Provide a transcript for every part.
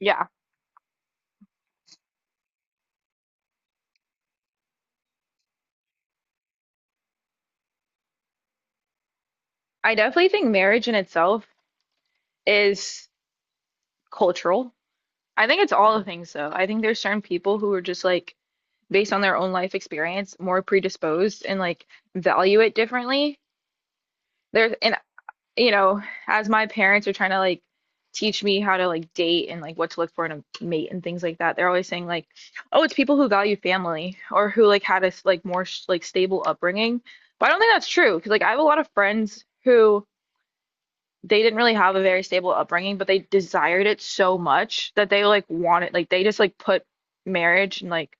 Yeah, I definitely think marriage in itself is cultural. I think it's all the things though. I think there's certain people who are just like based on their own life experience more predisposed and like value it differently. There's and you know, as my parents are trying to like teach me how to like date and like what to look for in a mate and things like that, they're always saying like, "Oh, it's people who value family or who like had a s- like more sh- like stable upbringing." But I don't think that's true because like I have a lot of friends who they didn't really have a very stable upbringing, but they desired it so much that they like wanted like they just like put marriage and like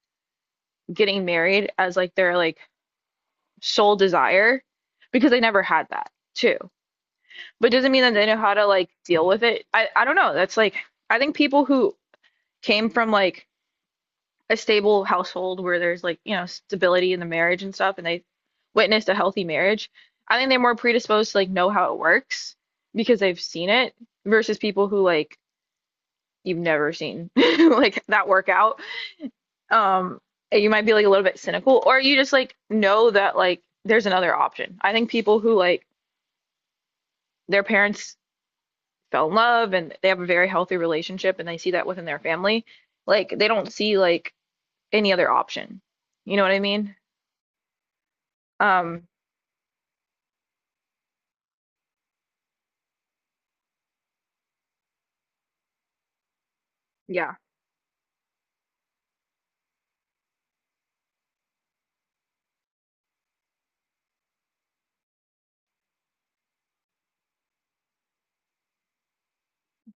getting married as like their like sole desire because they never had that too. But it doesn't mean that they know how to like deal with it. I don't know. That's like I think people who came from like a stable household where there's like, you know, stability in the marriage and stuff and they witnessed a healthy marriage, I think they're more predisposed to like know how it works because they've seen it versus people who like you've never seen like that workout. Um, you might be like a little bit cynical, or you just like know that like there's another option. I think people who like their parents fell in love and they have a very healthy relationship and they see that within their family, like they don't see like any other option. You know what I mean? Um, yeah,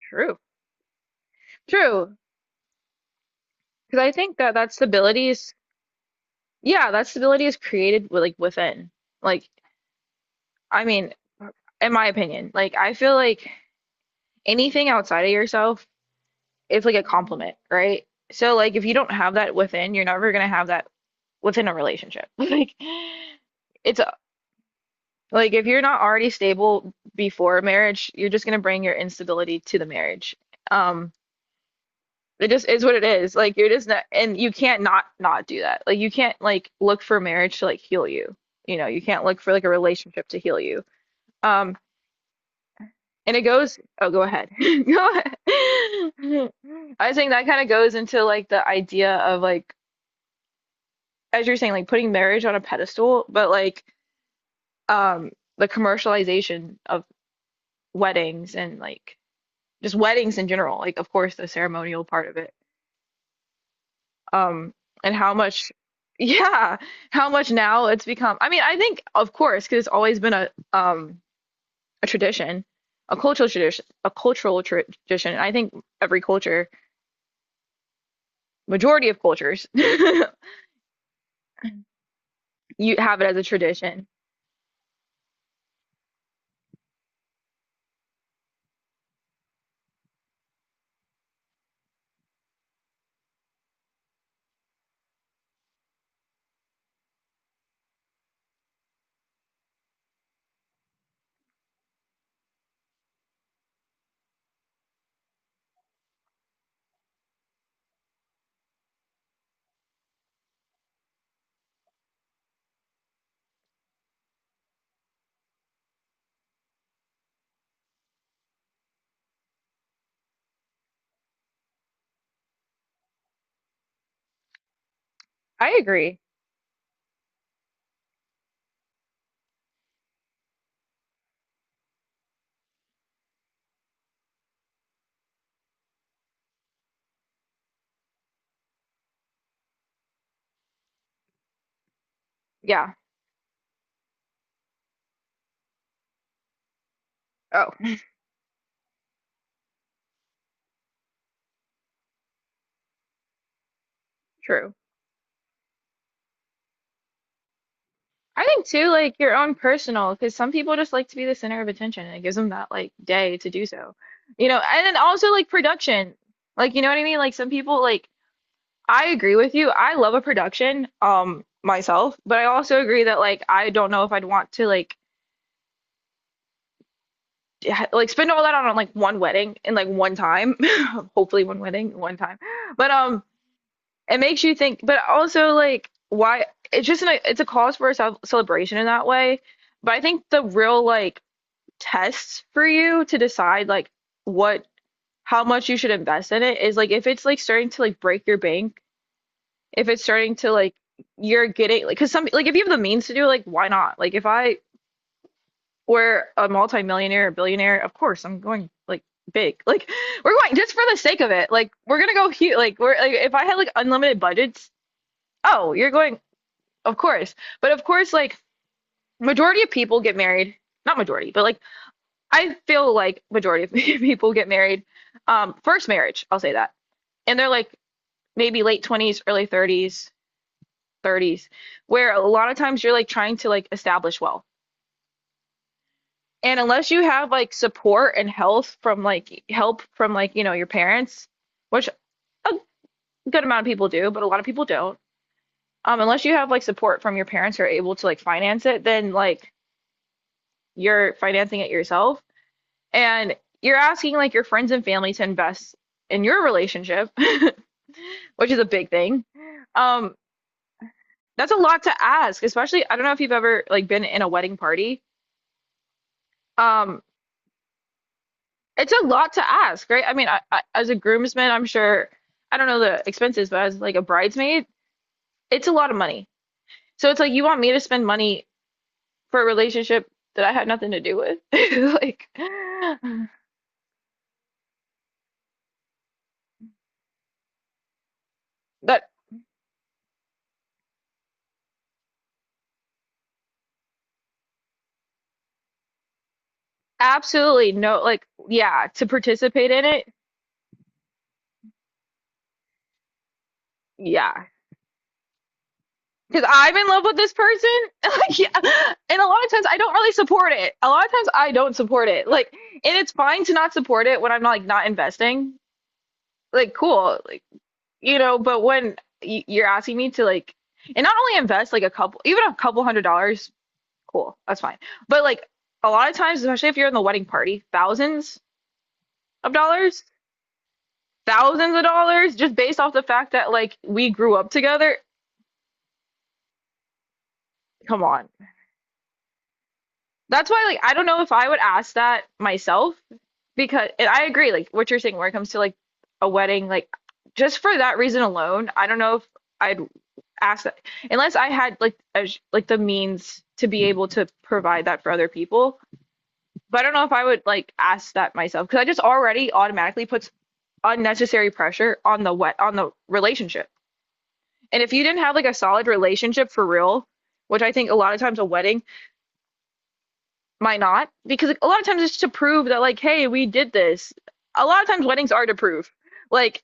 true, true. Because I think that that stability is, yeah, that stability is created with, like within. Like, I mean, in my opinion, like I feel like anything outside of yourself it's like a compliment, right? So like if you don't have that within, you're never gonna have that within a relationship. Like it's a- like if you're not already stable before marriage, you're just gonna bring your instability to the marriage. Um, it just is what it is. Like you're just not, and you can't not not do that. Like you can't like look for marriage to like heal you. You know, you can't look for like a relationship to heal you. Um, and it goes, oh, go ahead. Go ahead. I think that kind of goes into like the idea of like as you're saying, like putting marriage on a pedestal, but like um the commercialization of weddings and like just weddings in general, like of course the ceremonial part of it. Um and how much yeah, how much now it's become. I mean, I think of course because it's always been a tradition, a cultural tra- tradition. And I think every culture, majority of cultures, you have it as a tradition. I agree. Yeah. Oh, true. I think too, like your own personal, because some people just like to be the center of attention and it gives them that like day to do so. You know, and then also like production. Like, you know what I mean? Like some people like I agree with you. I love a production, myself, but I also agree that like I don't know if I'd want to like d- ha- like spend all that on like one wedding in like one time. Hopefully one wedding, one time. But it makes you think, but also like why it's just an, it's a cause for a ce- celebration in that way. But I think the real like tests for you to decide like what how much you should invest in it is like if it's like starting to like break your bank, if it's starting to like you're getting like because some like if you have the means to do it, like why not? Like if I were a multimillionaire or billionaire, of course I'm going like big. Like we're going just for the sake of it. Like we're gonna go huge. Like we're like if I had like unlimited budgets, oh, you're going of course. But of course, like majority of people get married, not majority, but like I feel like majority of people get married, first marriage, I'll say that. And they're like maybe late 20s, early 30s, 30s, where a lot of times you're like trying to like establish wealth. And unless you have like support and health from like help from like, you know, your parents, which a good amount of people do, but a lot of people don't. Unless you have like support from your parents who are able to like finance it, then like you're financing it yourself. And you're asking like your friends and family to invest in your relationship which is a big thing. Um, that's a lot to ask, especially I don't know if you've ever like been in a wedding party. Um, it's a lot to ask, right? I mean, as a groomsman, I'm sure I don't know the expenses, but as like a bridesmaid, it's a lot of money. So it's like you want me to spend money for a relationship that I had nothing to do with, like that absolutely no, like yeah, to participate in it, yeah. Because I'm in love with this person. Like, yeah. And a lot of times I don't really support it. A lot of times I don't support it. Like, and it's fine to not support it when I'm like not investing. Like, cool. Like, you know, but when y- you're asking me to like, and not only invest like a couple, even a couple $100, cool, that's fine. But like a lot of times, especially if you're in the wedding party, of dollars, thousands of dollars, just based off the fact that like we grew up together. Come on. That's why, like, I don't know if I would ask that myself because and I agree, like what you're saying, where it comes to like a wedding, like just for that reason alone, I don't know if I'd ask that unless I had like a, sh- like the means to be able to provide that for other people. But I don't know if I would like ask that myself because I just already automatically puts unnecessary pressure on the wet on the relationship. And if you didn't have like a solid relationship for real, which I think a lot of times a wedding might not, because like, a lot of times it's to prove that like, hey, we did this. A lot of times weddings are to prove. Like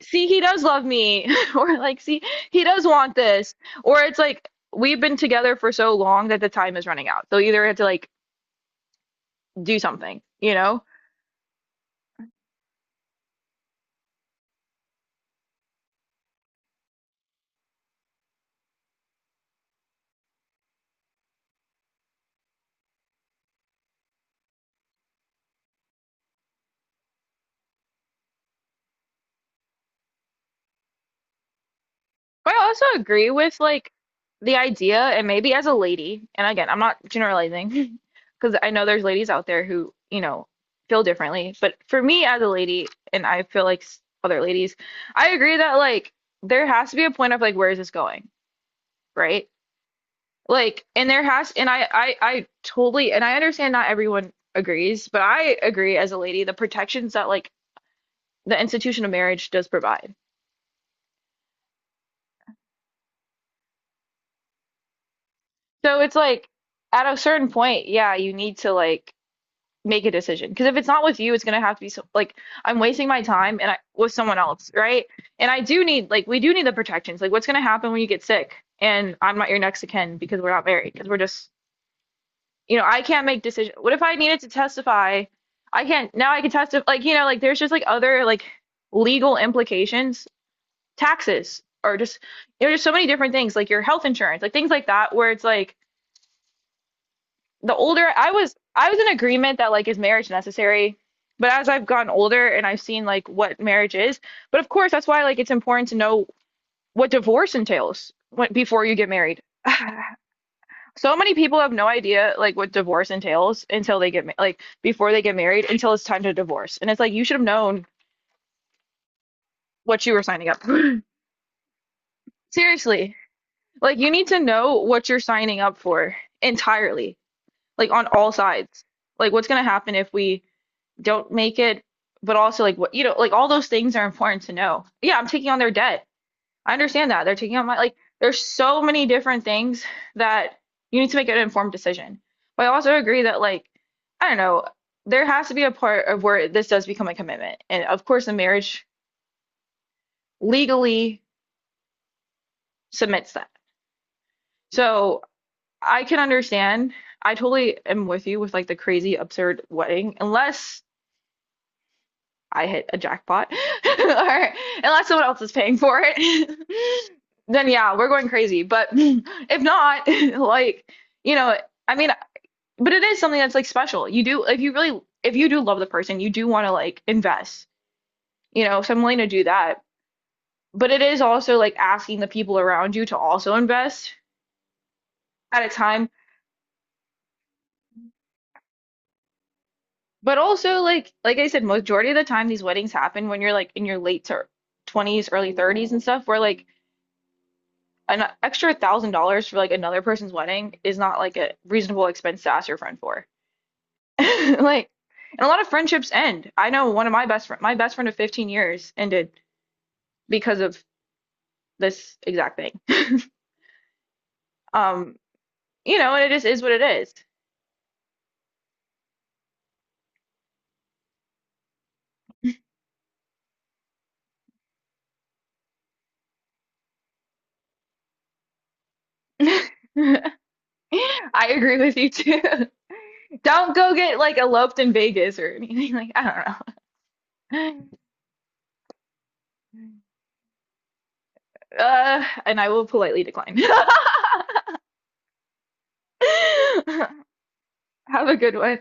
see, he does love me, or like, see, he does want this, or it's like we've been together for so long that the time is running out. So either we have to like do something, you know? But I also agree with like the idea, and maybe as a lady, and again, I'm not generalizing because I know there's ladies out there who, you know, feel differently. But for me as a lady, and I feel like other ladies, I agree that like there has to be a point of like, where is this going? Right? Like, and there has, and I totally, and I understand not everyone agrees, but I agree as a lady, the protections that like the institution of marriage does provide. So it's like at a certain point, yeah, you need to like make a decision because if it's not with you, it's gonna have to be so, like I'm wasting my time and I with someone else, right? And I do need like we do need the protections. Like, what's gonna happen when you get sick and I'm not your next of kin because we're not married because we're just you know, I can't make decisions. What if I needed to testify? I can't now I can testify like you know, like there's just like other like legal implications, taxes or just you know, there's so many different things, like your health insurance, like things like that, where it's like the older I was in agreement that like is marriage necessary, but as I've gotten older and I've seen like what marriage is, but of course that's why like it's important to know what divorce entails when, before you get married so many people have no idea like what divorce entails until they get ma like before they get married until it's time to divorce. And it's like you should have known what you were signing up for. Seriously. Like you need to know what you're signing up for entirely, like on all sides. Like what's going to happen if we don't make it, but also like what you know, like all those things are important to know. Yeah, I'm taking on their debt. I understand that. They're taking out my like there's so many different things that you need to make an informed decision. But I also agree that like I don't know, there has to be a part of where this does become a commitment. And of course the marriage legally submits that. So I can understand. I totally am with you with like the crazy absurd wedding unless I hit a jackpot, or unless someone else is paying for it, then yeah, we're going crazy. But if not, like, you know, I mean, but it is something that's like special. You do, if you really, if you do love the person, you do want to like invest, you know, so I'm willing to do that. But it is also like asking the people around you to also invest at a time. But also like I said, majority of the time these weddings happen when you're like in your late to 20s, early 30s and stuff, where like an extra $1,000 for like another person's wedding is not like a reasonable expense to ask your friend for. Like, and a lot of friendships end. I know one of my best friend of 15 years ended because of this exact thing. Um, you know, and it just is what it is. I agree with you too. Don't go get like eloped in Vegas or anything. Like, I don't know. And I will politely decline. Have a good one.